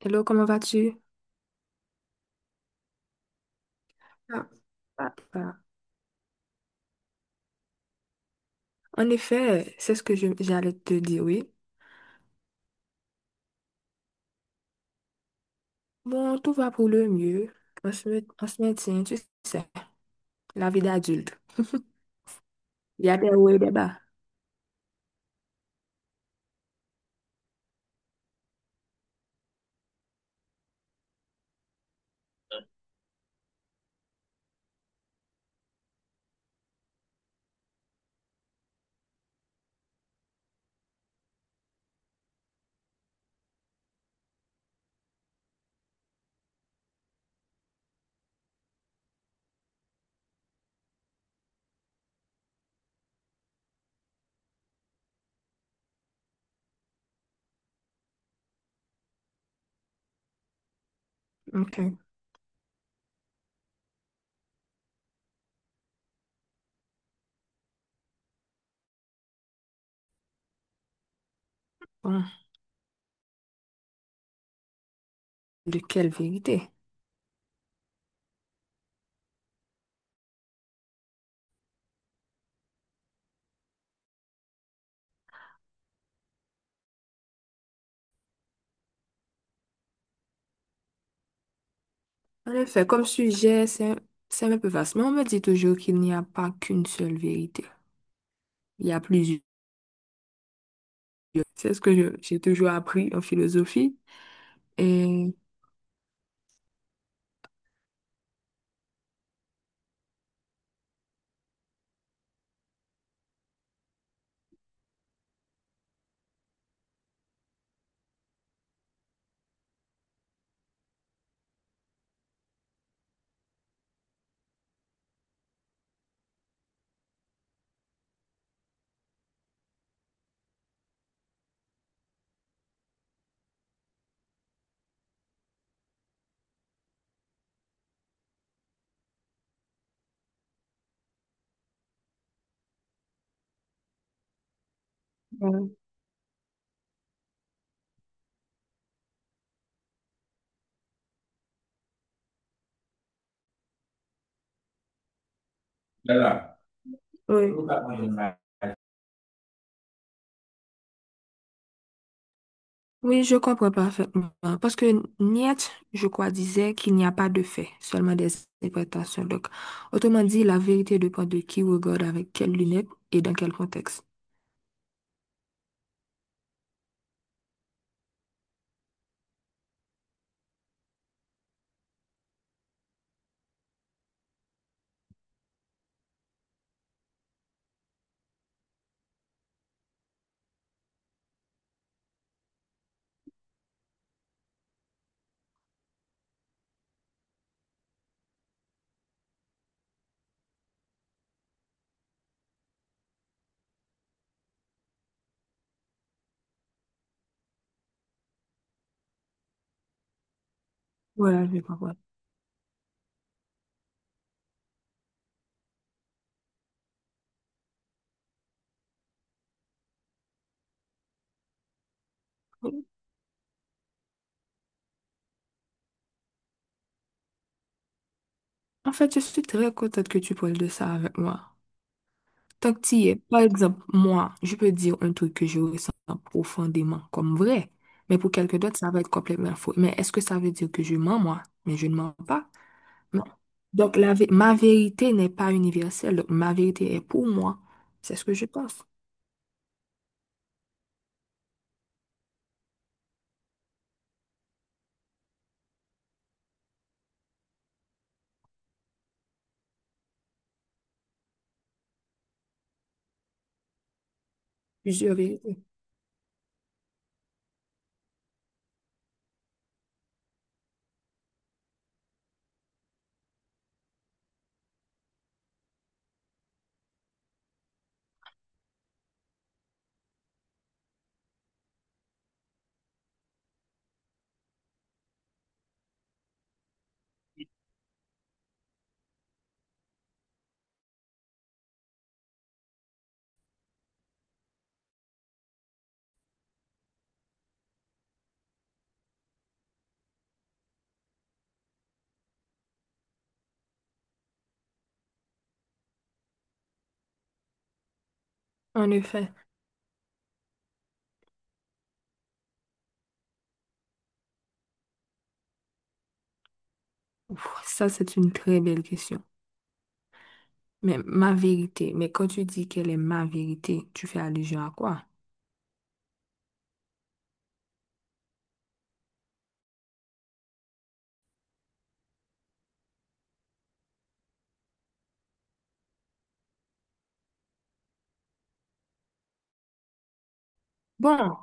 Hello, comment vas-tu? Ah. Ah, ah. En effet, c'est ce que j'allais te dire, oui. Bon, tout va pour le mieux. On se maintient, tu sais, la vie d'adulte. Il y a des hauts et des bas. OK. Bon, de quelle vérité? En effet, comme sujet, c'est un peu vaste, mais on me dit toujours qu'il n'y a pas qu'une seule vérité. Il y a plusieurs. C'est ce que j'ai toujours appris en philosophie. Et, bon, là, là. Oui. Oui, je comprends parfaitement. Parce que Nietzsche, je crois, disait qu'il n'y a pas de fait, seulement des interprétations. Donc, autrement dit, la vérité dépend de qui regarde avec quelles lunettes et dans quel contexte. Voilà, je comprends. En fait, je suis très contente que tu parles de ça avec moi. Tant que tu y es, par exemple, moi, je peux dire un truc que je ressens profondément comme vrai, mais pour quelqu'un d'autre, ça va être complètement faux. Mais est-ce que ça veut dire que je mens, moi? Mais je ne mens pas. Non. Donc, ma vérité n'est pas universelle. Donc, ma vérité est pour moi. C'est ce que je pense. Plusieurs vérités. En effet, ouf, ça, c'est une très belle question. Mais ma vérité, mais quand tu dis quelle est ma vérité, tu fais allusion à quoi? Bon,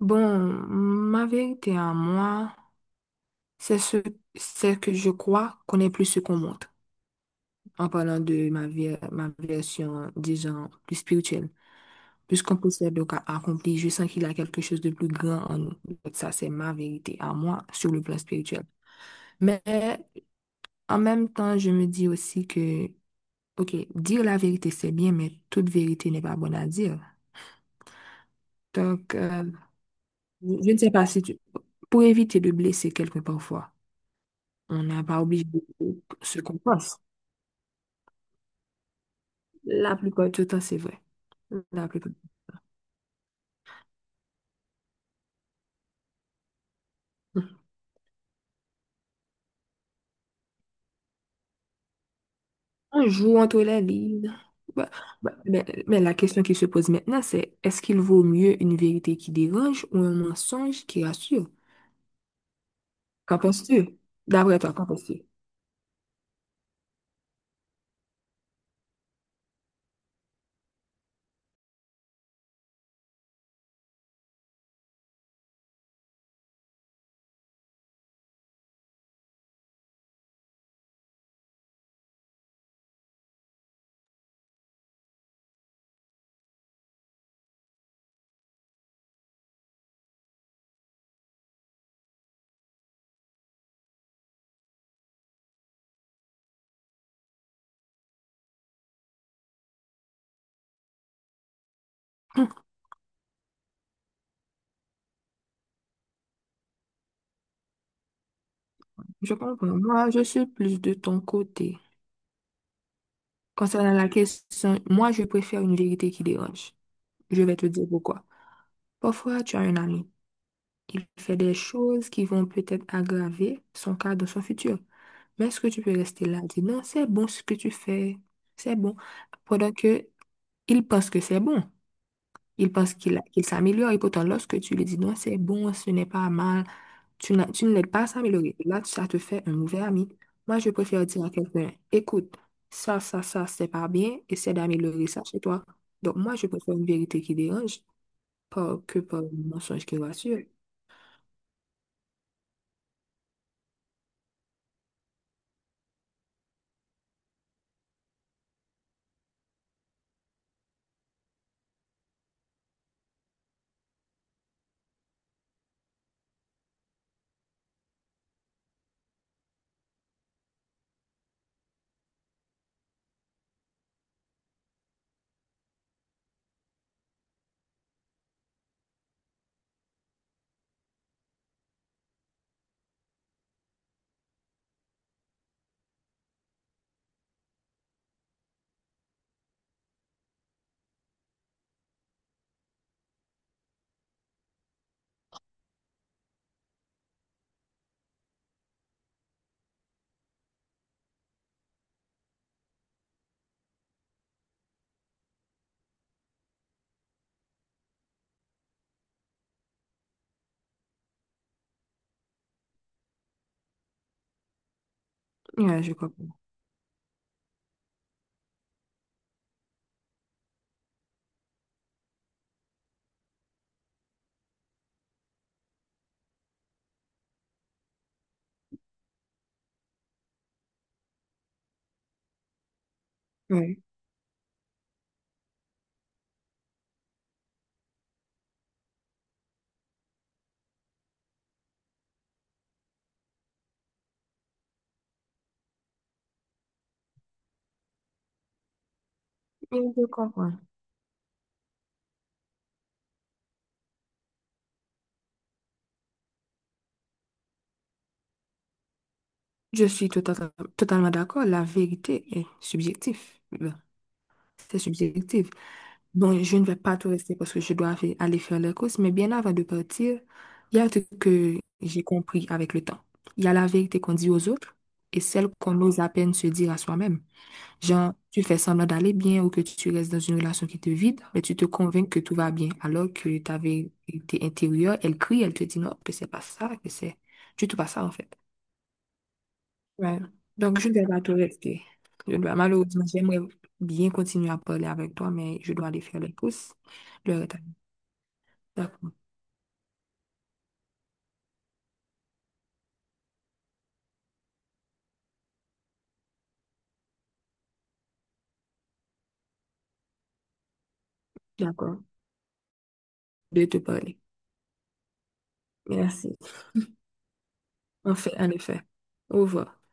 bon, ma vérité à moi, c'est ce, c'est que je crois qu'on est plus ce qu'on montre. En parlant de ma vie, ma version, disons, plus spirituelle. Puisqu'on possède donc à accomplir, je sens qu'il a quelque chose de plus grand en nous. Donc ça, c'est ma vérité à moi sur le plan spirituel. Mais en même temps, je me dis aussi que, OK, dire la vérité, c'est bien, mais toute vérité n'est pas bonne à dire. Donc, je ne sais pas si tu... Pour éviter de blesser quelqu'un parfois, on n'est pas obligé de dire ce qu'on pense. La plupart du temps, c'est vrai. La plupart. Un jour, on tolérer. Bah, bah, mais la question qui se pose maintenant, c'est est-ce qu'il vaut mieux une vérité qui dérange ou un mensonge qui rassure? Qu'en penses-tu? D'après toi, qu'en penses-tu? Hum. Je comprends. Moi, je suis plus de ton côté. Concernant la question, moi, je préfère une vérité qui dérange. Je vais te dire pourquoi. Parfois, tu as un ami. Il fait des choses qui vont peut-être aggraver son cas dans son futur. Mais est-ce que tu peux rester là et dire non, c'est bon ce que tu fais? C'est bon. Pendant que il pense que c'est bon. Il pense qu'il s'améliore. Et pourtant, lorsque tu lui dis non, c'est bon, ce n'est pas mal, tu ne l'aides pas à s'améliorer. Là, ça te fait un mauvais ami. Moi, je préfère dire à quelqu'un, écoute, ça, c'est pas bien. Essaie d'améliorer ça chez toi. Donc, moi, je préfère une vérité qui dérange pas que par un mensonge qui rassure. Ouais, je comprends. Ouais. Je comprends. Je suis tout à- Totalement d'accord. La vérité est subjective. Ben, c'est subjectif. Bon, je ne vais pas tout rester parce que je dois aller faire les courses, mais bien avant de partir, il y a un truc que j'ai compris avec le temps. Il y a la vérité qu'on dit aux autres et celle qu'on ose à peine se dire à soi-même. Genre, tu fais semblant d'aller bien ou que tu restes dans une relation qui te vide, mais tu te convaincs que tout va bien, alors que ta vérité intérieure, elle crie, elle te dit non, que c'est pas ça, que c'est du tout pas ça en fait. Ouais. Donc, je ne vais pas te rester. Je dois, malheureusement, j'aimerais bien continuer à parler avec toi, mais je dois aller faire les courses. Le retard. D'accord. D'accord. De te parler. Merci. En Enfin, en effet. Au revoir.